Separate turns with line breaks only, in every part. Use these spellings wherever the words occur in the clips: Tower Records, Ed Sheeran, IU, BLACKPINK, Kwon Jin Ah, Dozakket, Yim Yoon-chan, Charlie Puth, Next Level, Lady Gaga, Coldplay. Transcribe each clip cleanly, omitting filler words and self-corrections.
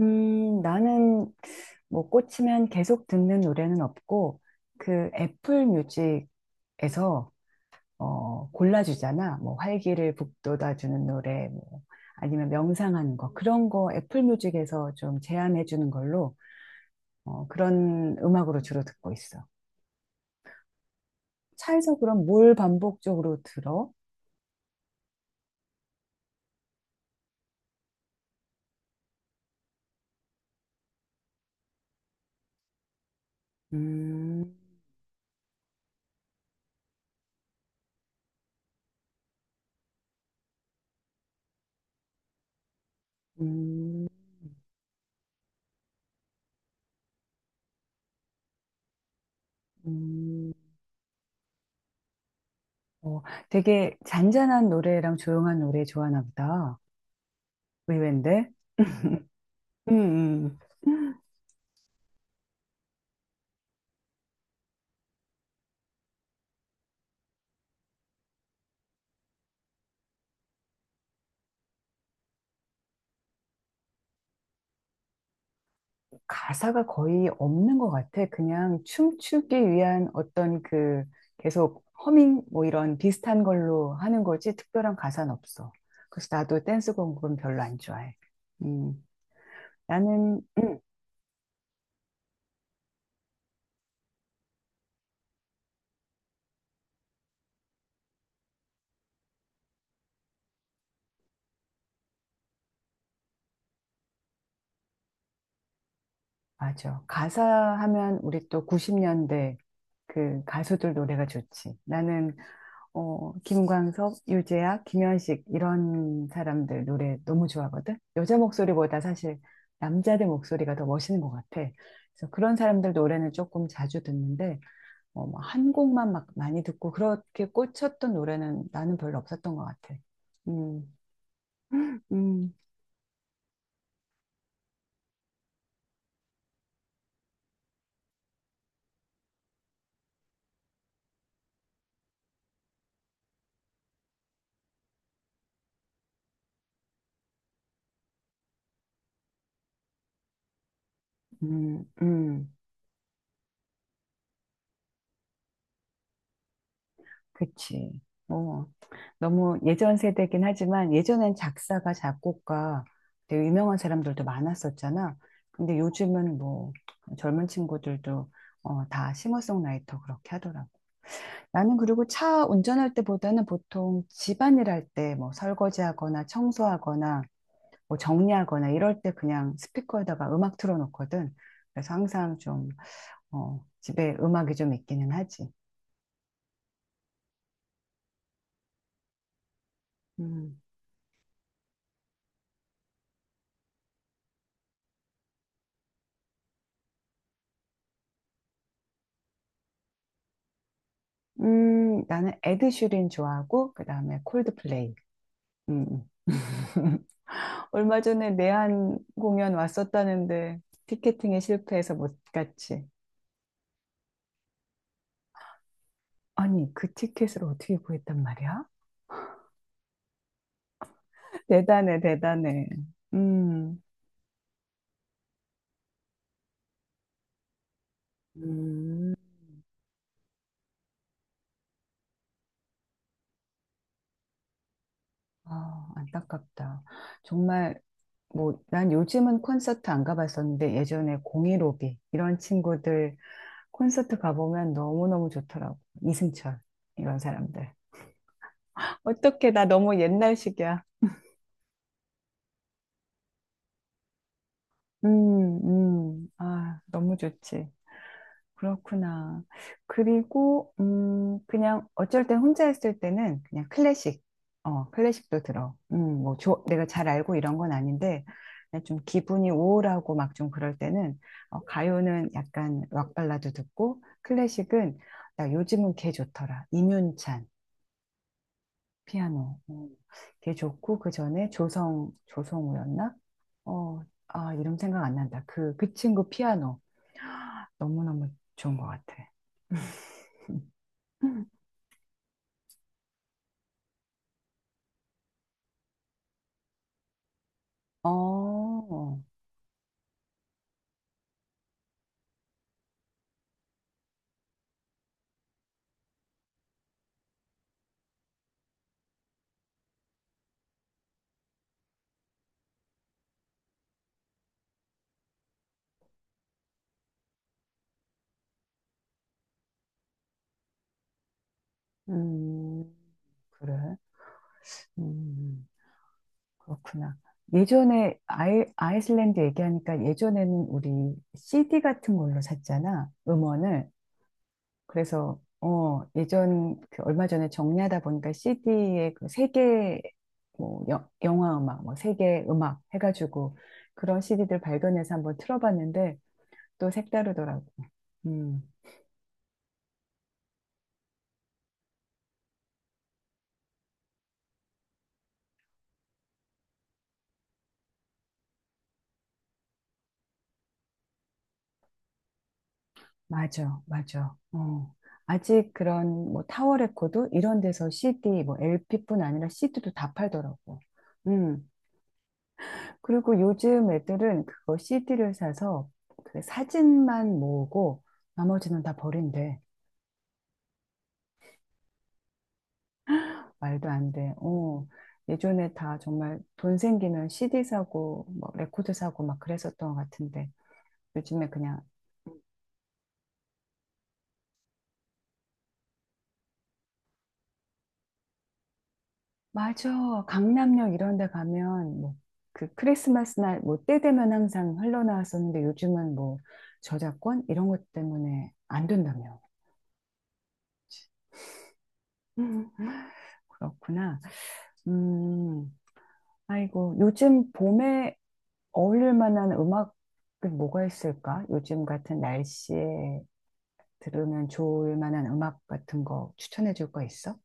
나는 뭐 꽂히면 계속 듣는 노래는 없고, 그 애플 뮤직에서 골라주잖아. 뭐 활기를 북돋아주는 노래, 뭐 아니면 명상하는 거. 그런 거 애플 뮤직에서 좀 제안해주는 걸로 그런 음악으로 주로 듣고 있어. 차에서 그럼 뭘 반복적으로 들어? 음, 음, 음. 어, 되게 잔잔한 노래랑 조용한 노래 좋아하나 보다. 의외인데? 음, 가사가 거의 없는 것 같아. 그냥 춤추기 위한 어떤 그 계속 허밍 뭐 이런 비슷한 걸로 하는 거지 특별한 가사는 없어. 그래서 나도 댄스 공부는 별로 안 좋아해. 음, 나는, 맞아. 가사 하면 우리 또 90년대 그 가수들 노래가 좋지. 나는 김광석, 유재하, 김현식 이런 사람들 노래 너무 좋아하거든. 여자 목소리보다 사실 남자들 목소리가 더 멋있는 것 같아. 그래서 그런 사람들 노래는 조금 자주 듣는데 뭐한 곡만 막 많이 듣고 그렇게 꽂혔던 노래는 나는 별로 없었던 것 같아. 음, 음, 음, 음. 그치. 어, 너무 예전 세대긴 하지만 예전엔 작사가 작곡가 되게 유명한 사람들도 많았었잖아. 근데 요즘은 뭐 젊은 친구들도 다 싱어송라이터 그렇게 하더라고. 나는 그리고 차 운전할 때보다는 보통 집안일 할 때 뭐 설거지하거나 청소하거나 뭐 정리하거나 이럴 때 그냥 스피커에다가 음악 틀어놓거든. 그래서 항상 좀 집에 음악이 좀 있기는 하지. 음. 나는 에드슈린 좋아하고 그다음에 콜드플레이. 음. 음. 얼마 전에 내한 공연 왔었다는데 티켓팅에 실패해서 못 갔지. 아니, 그 티켓을 어떻게 구했단 말이야? 대단해, 대단해. 음. 음, 아, 안타깝다. 정말, 뭐, 난 요즘은 콘서트 안 가봤었는데, 예전에 공이로비, 이런 친구들 콘서트 가보면 너무너무 좋더라고. 이승철, 이런 사람들. 어떻게 나 너무 옛날식이야. 아, 너무 좋지. 그렇구나. 그리고, 그냥 어쩔 땐 혼자 있을 때는 그냥 클래식. 클래식도 들어. 뭐, 내가 잘 알고 이런 건 아닌데, 그냥 좀 기분이 우울하고 막 좀 그럴 때는, 가요는 약간 락 발라드 듣고, 클래식은, 나 요즘은 걔 좋더라. 임윤찬. 피아노. 그게 좋고 그 전에 조성우였나? 어, 아, 이름 생각 안 난다. 그 친구 피아노 너무너무 좋은 것 같아. 어, 음, 그래. 음, 그렇구나. 예전에 아이슬란드 얘기하니까 예전에는 우리 CD 같은 걸로 샀잖아, 음원을. 그래서 예전 그 얼마 전에 정리하다 보니까 CD에 그 세계 뭐 영화 음악 뭐 세계 음악 해가지고 그런 CD들 발견해서 한번 틀어봤는데 또 색다르더라고. 음 맞아 맞아. 아직 그런 뭐 타워 레코드 이런 데서 CD 뭐 LP뿐 아니라 CD도 다 팔더라고. 음 그리고 요즘 애들은 그거 CD를 사서 그 사진만 모으고 나머지는 다 버린대. 말도 안 돼. 예전에 다 정말 돈 생기면 CD 사고, 뭐 레코드 사고 막 그랬었던 것 같은데, 요즘에 그냥, 맞아. 강남역 이런 데 가면, 뭐, 그 크리스마스 날, 뭐, 때 되면 항상 흘러나왔었는데, 요즘은 뭐, 저작권? 이런 것 때문에 안 된다며. 음, 그렇구나. 음, 아이고, 요즘 봄에 어울릴 만한 음악은 뭐가 있을까? 요즘 같은 날씨에 들으면 좋을 만한 음악 같은 거 추천해 줄 거 있어?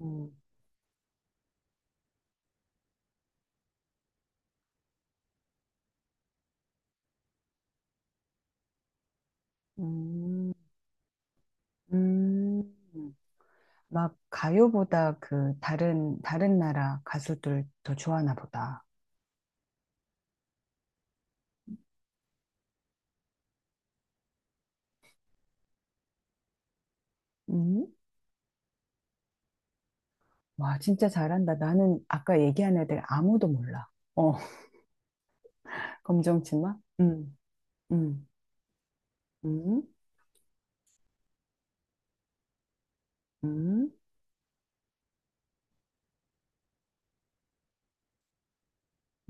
음, 음, 음. 막 가요보다 그 다른 나라 가수들 더 좋아하나 보다. 음? 와, 진짜 잘한다. 나는 아까 얘기한 애들 아무도 몰라. 어, 검정치마? 음. 음, 음.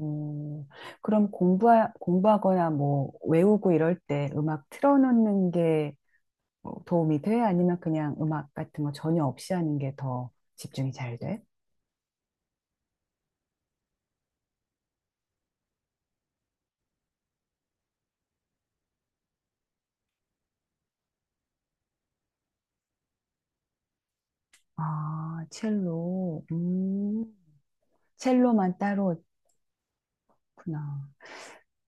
음, 그럼 공부하거나 뭐 외우고 이럴 때 음악 틀어놓는 게 뭐 도움이 돼? 아니면 그냥 음악 같은 거 전혀 없이 하는 게 더 집중이 잘 돼? 아, 첼로. 첼로만 따로 있구나.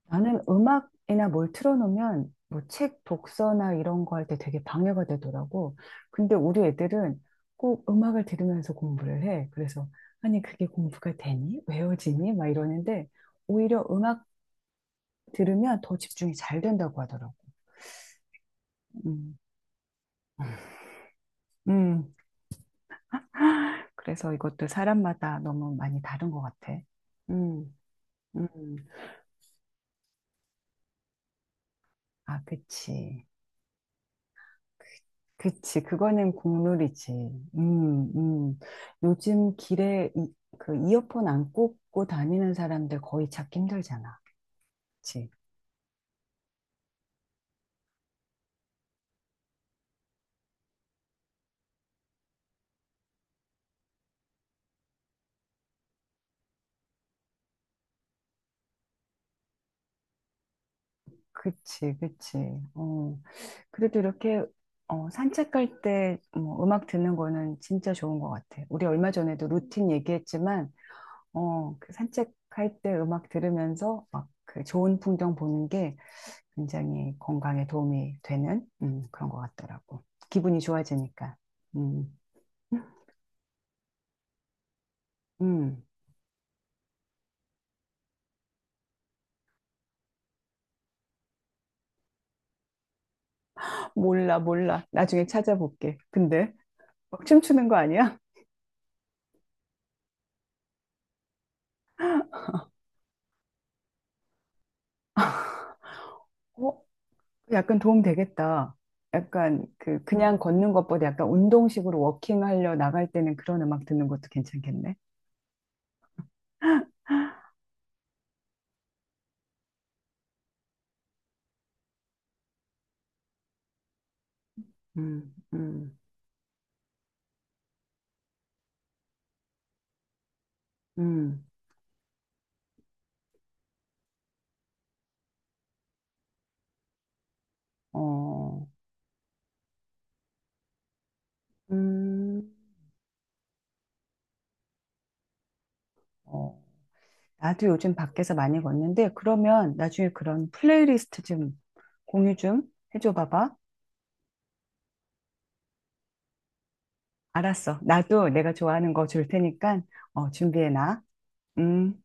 나는 음악이나 뭘 틀어놓으면 뭐 책 독서나 이런 거 할 때 되게 방해가 되더라고. 근데 우리 애들은 꼭 음악을 들으면서 공부를 해. 그래서 아니 그게 공부가 되니? 외워지니? 막 이러는데 오히려 음악 들으면 더 집중이 잘 된다고 하더라고. 음. 음. 그래서 이것도 사람마다 너무 많이 다른 것 같아. 음, 음. 아, 그치. 그치. 그거는 국룰이지. 음, 음. 요즘 길에 그 이어폰 안 꽂고 다니는 사람들 거의 찾기 힘들잖아. 그치. 그치, 그치. 어. 그래도 이렇게 산책할 때 뭐, 음악 듣는 거는 진짜 좋은 것 같아. 우리 얼마 전에도 루틴 얘기했지만 그 산책할 때 음악 들으면서 막 그 좋은 풍경 보는 게 굉장히 건강에 도움이 되는 그런 것 같더라고. 기분이 좋아지니까. 음, 음. 몰라, 몰라. 나중에 찾아볼게. 근데 막 춤추는 거 아니야? 어, 약간 도움 되겠다. 약간 그 그냥 걷는 것보다 약간 운동식으로 워킹하려 나갈 때는 그런 음악 듣는 것도 괜찮겠네. 음, 음, 음, 어, 음, 어. 나도 요즘 밖에서 많이 걷는데, 그러면 나중에 그런 플레이리스트 좀 공유 좀 해줘 봐봐. 알았어. 나도 내가 좋아하는 거 줄 테니까, 준비해놔. 음.